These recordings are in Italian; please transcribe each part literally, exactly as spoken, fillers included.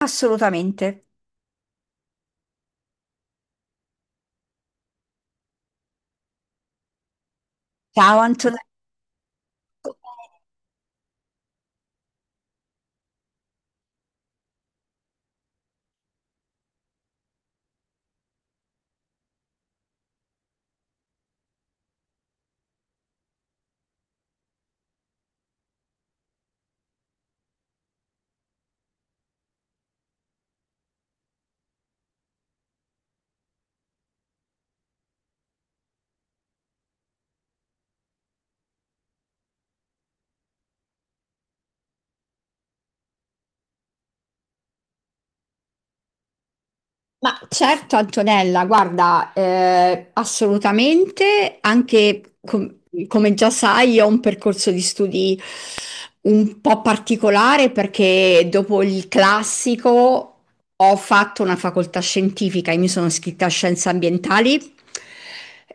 Assolutamente. Ciao Antonella. Ma certo Antonella, guarda, eh, assolutamente, anche com- come già sai, io ho un percorso di studi un po' particolare perché dopo il classico ho fatto una facoltà scientifica e mi sono iscritta a scienze ambientali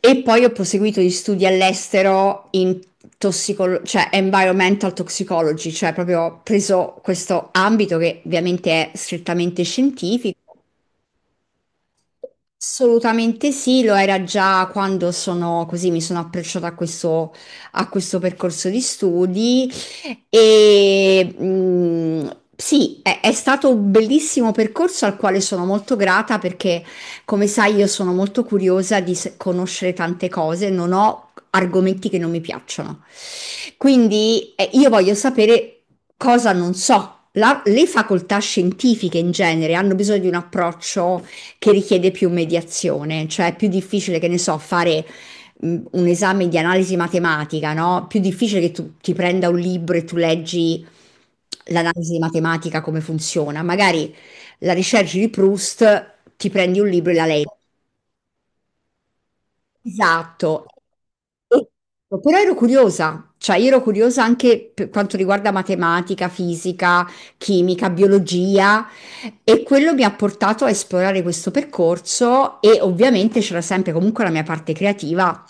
e poi ho proseguito gli studi all'estero in tossicolo- cioè environmental toxicology, cioè proprio ho preso questo ambito che ovviamente è strettamente scientifico. Assolutamente sì, lo era già quando sono così, mi sono approcciata a questo, a questo percorso di studi e mh, sì, è, è stato un bellissimo percorso al quale sono molto grata perché, come sai, io sono molto curiosa di se- conoscere tante cose, non ho argomenti che non mi piacciono. Quindi eh, io voglio sapere cosa non so. La- le facoltà scientifiche in genere hanno bisogno di un approccio che richiede più mediazione, cioè è più difficile, che ne so, fare mh, un esame di analisi matematica, no? Più difficile che tu ti prenda un libro e tu leggi l'analisi matematica come funziona. Magari la ricerca di Proust ti prendi un libro e la leggi. Esatto. Però ero curiosa, cioè io ero curiosa anche per quanto riguarda matematica, fisica, chimica, biologia, e quello mi ha portato a esplorare questo percorso, e ovviamente c'era sempre comunque la mia parte creativa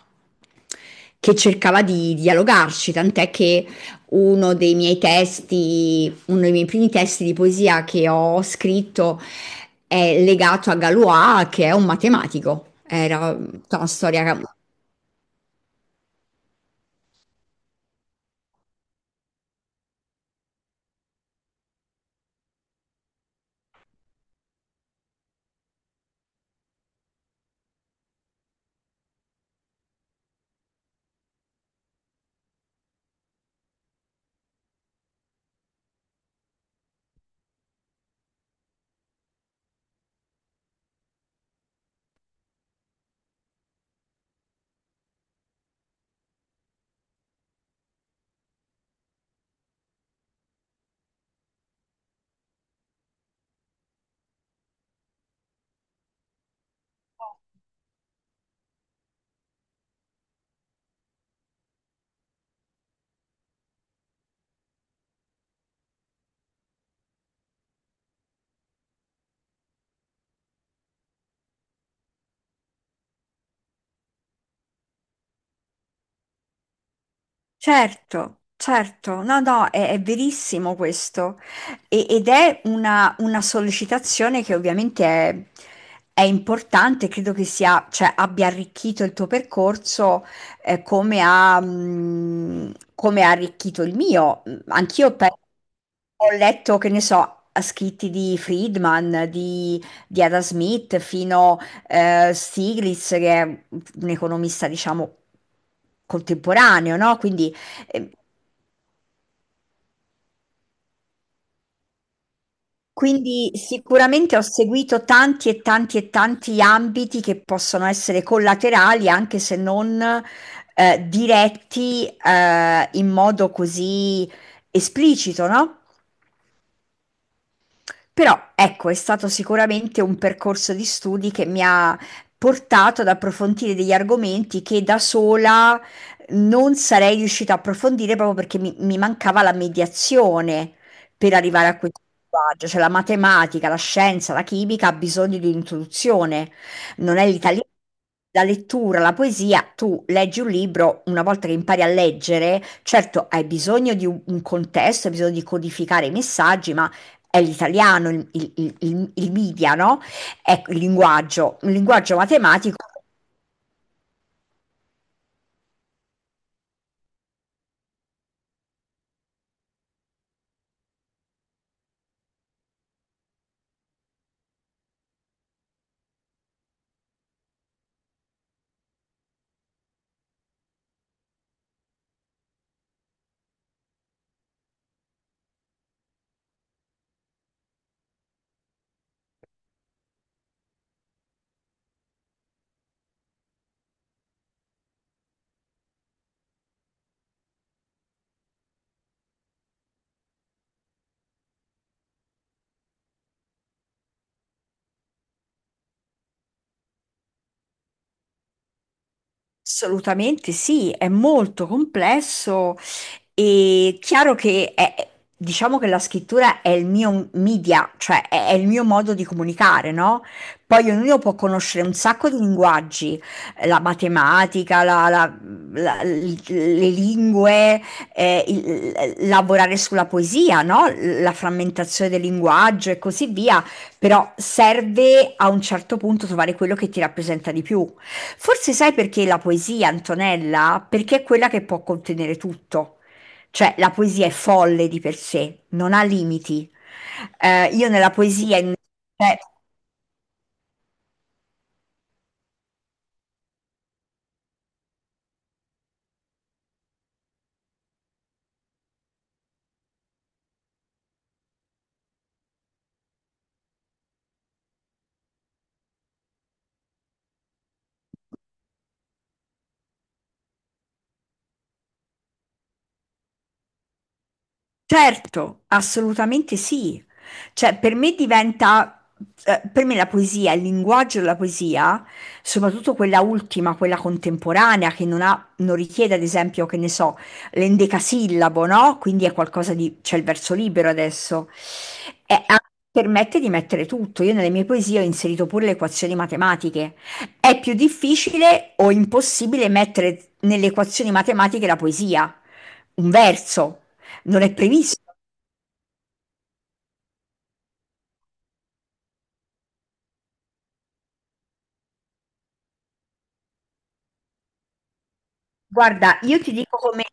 che cercava di dialogarci, tant'è che uno dei miei testi uno dei miei primi testi di poesia che ho scritto è legato a Galois, che è un matematico. Era tutta una storia. Certo, certo, no, no, è, è verissimo questo. E- ed è una, una sollecitazione che ovviamente è, è importante, credo che sia, cioè, abbia arricchito il tuo percorso, eh, come ha, mh, come ha arricchito il mio. Anch'io pe- ho letto, che ne so, scritti di Friedman, di, di Ada Smith, fino eh, Stiglitz, che è un economista, diciamo, contemporaneo, no? Quindi Ehm, quindi sicuramente ho seguito tanti e tanti e tanti ambiti che possono essere collaterali, anche se non, ehm, diretti, ehm, in modo così esplicito, no? Però ecco, è stato sicuramente un percorso di studi che mi ha portato ad approfondire degli argomenti che da sola non sarei riuscita a approfondire proprio perché mi, mi mancava la mediazione per arrivare a questo linguaggio. Cioè la matematica, la scienza, la chimica ha bisogno di un'introduzione, non è l'italiano. La lettura, la poesia, tu leggi un libro, una volta che impari a leggere, certo hai bisogno di un un contesto, hai bisogno di codificare i messaggi, ma è l'italiano, il, il- il- il media, no? Ecco, il linguaggio, un linguaggio matematico. Assolutamente sì, è molto complesso e chiaro che è- diciamo che la scrittura è il mio media, cioè è, è il mio modo di comunicare, no? Poi ognuno può conoscere un sacco di linguaggi, eh, la matematica, la- la- la- l- le lingue, eh, il- lavorare sulla poesia, no? La frammentazione del linguaggio e così via. Però serve a un certo punto trovare quello che ti rappresenta di più. Forse sai perché la poesia, Antonella? Perché è quella che può contenere tutto. Cioè, la poesia è folle di per sé, non ha limiti. Eh, io nella poesia... in- cioè, certo, assolutamente sì. Cioè, per me diventa, eh, per me la poesia, il linguaggio della poesia, soprattutto quella ultima, quella contemporanea, che non ha, non richiede, ad esempio, che ne so, l'endecasillabo, no? Quindi è qualcosa di, c'è il verso libero adesso, e ha- permette di mettere tutto. Io nelle mie poesie ho inserito pure le equazioni matematiche. È più difficile o impossibile mettere nelle equazioni matematiche la poesia, un verso. Non è previsto. Guarda, io ti dico come...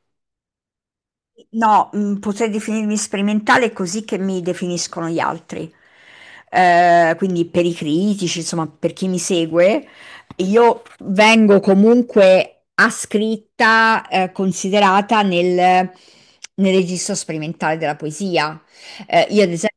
No, mh, potrei definirmi sperimentale così che mi definiscono gli altri. Eh, quindi per i critici, insomma, per chi mi segue, io vengo comunque ascritta, eh, considerata nel, nel registro sperimentale della poesia. Eh, io, ad esempio,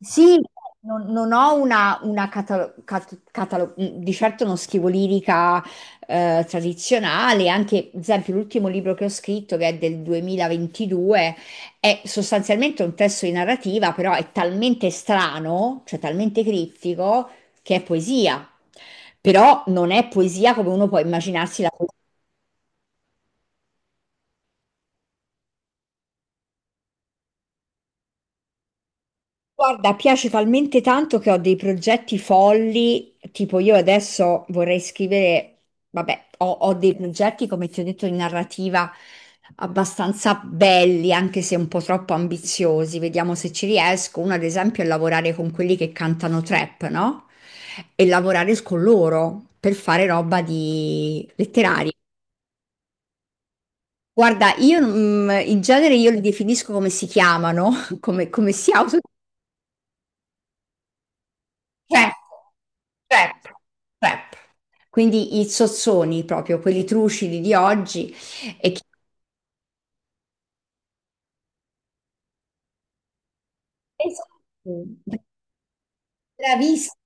sì, non, non ho una, una catalo- cat- catalo- mhmm, di certo uno schivo lirica eh, tradizionale, anche ad esempio l'ultimo libro che ho scritto, che è del duemilaventidue, è sostanzialmente un testo di narrativa, però è talmente strano, cioè talmente criptico, che è poesia. Però non è poesia come uno può immaginarsi la poesia. Guarda, piace talmente tanto che ho dei progetti folli, tipo io adesso vorrei scrivere, vabbè, ho, ho dei progetti, come ti ho detto, di narrativa abbastanza belli, anche se un po' troppo ambiziosi, vediamo se ci riesco. Uno, ad esempio, è lavorare con quelli che cantano trap, no? E lavorare con loro per fare roba di letteraria. Guarda, io mm, in genere io li definisco come si chiamano, come, come si auto. Trap, trap, trap. Quindi i sozzoni proprio, quelli trucidi di oggi. E chi pensa- bravissima,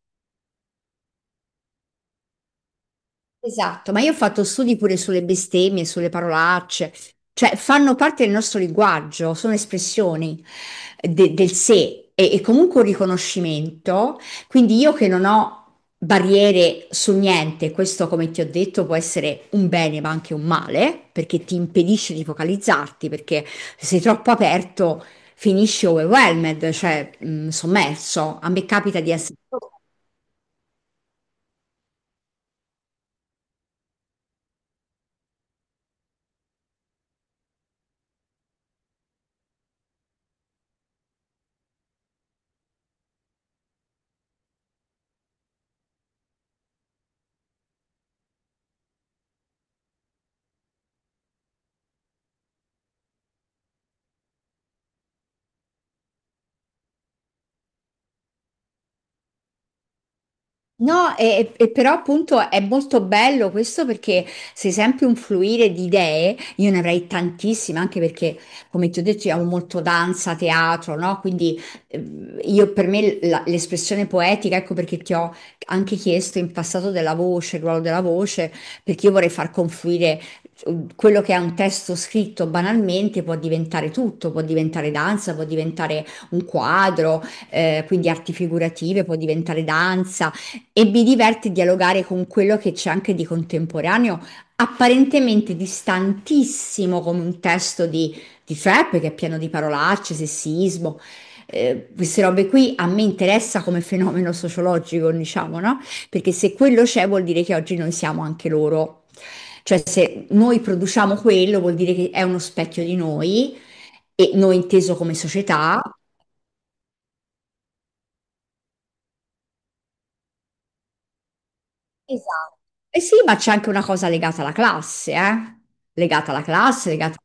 esatto, ma io ho fatto studi pure sulle bestemmie, sulle parolacce, cioè fanno parte del nostro linguaggio, sono espressioni eh, de- del sé e, e comunque un riconoscimento. Quindi io che non ho barriere su niente, questo come ti ho detto può essere un bene ma anche un male, perché ti impedisce di focalizzarti, perché se sei troppo aperto finisci overwhelmed, cioè mh, sommerso. A me capita di essere no, e, e- e però appunto è molto bello questo perché sei sempre un fluire di idee, io ne avrei tantissime, anche perché come ti ho detto io amo molto danza, teatro, no? Quindi ehm, io per me la- l'espressione poetica, ecco perché ti ho anche chiesto in passato della voce, il ruolo della voce, perché io vorrei far confluire eh, quello che è un testo scritto banalmente, può diventare tutto, può diventare danza, può diventare un quadro, eh, quindi arti figurative, può diventare danza. E mi diverte dialogare con quello che c'è anche di contemporaneo, apparentemente distantissimo come un testo di, di trap che è pieno di parolacce, sessismo. Eh, queste robe qui a me interessa come fenomeno sociologico, diciamo, no? Perché se quello c'è vuol dire che oggi noi siamo anche loro. Cioè se noi produciamo quello vuol dire che è uno specchio di noi e noi inteso come società. Esatto. Eh sì, ma c'è anche una cosa legata alla classe, eh? Legata alla classe, legata...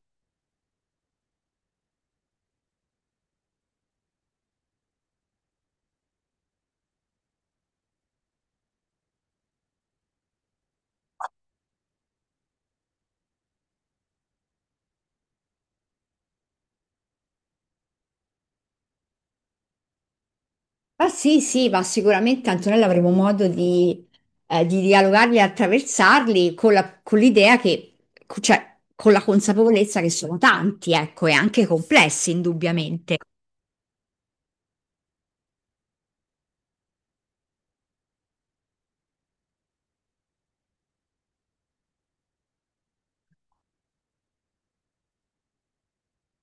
Ah sì, sì, ma sicuramente Antonella avremo modo di, eh, di dialogarli e attraversarli con la- con l'idea che, cioè, con la consapevolezza che sono tanti, ecco, e anche complessi, indubbiamente.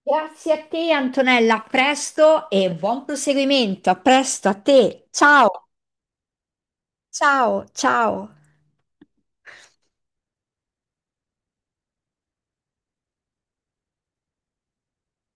Grazie a te, Antonella, a presto e buon proseguimento. A presto a te. Ciao, ciao, ciao.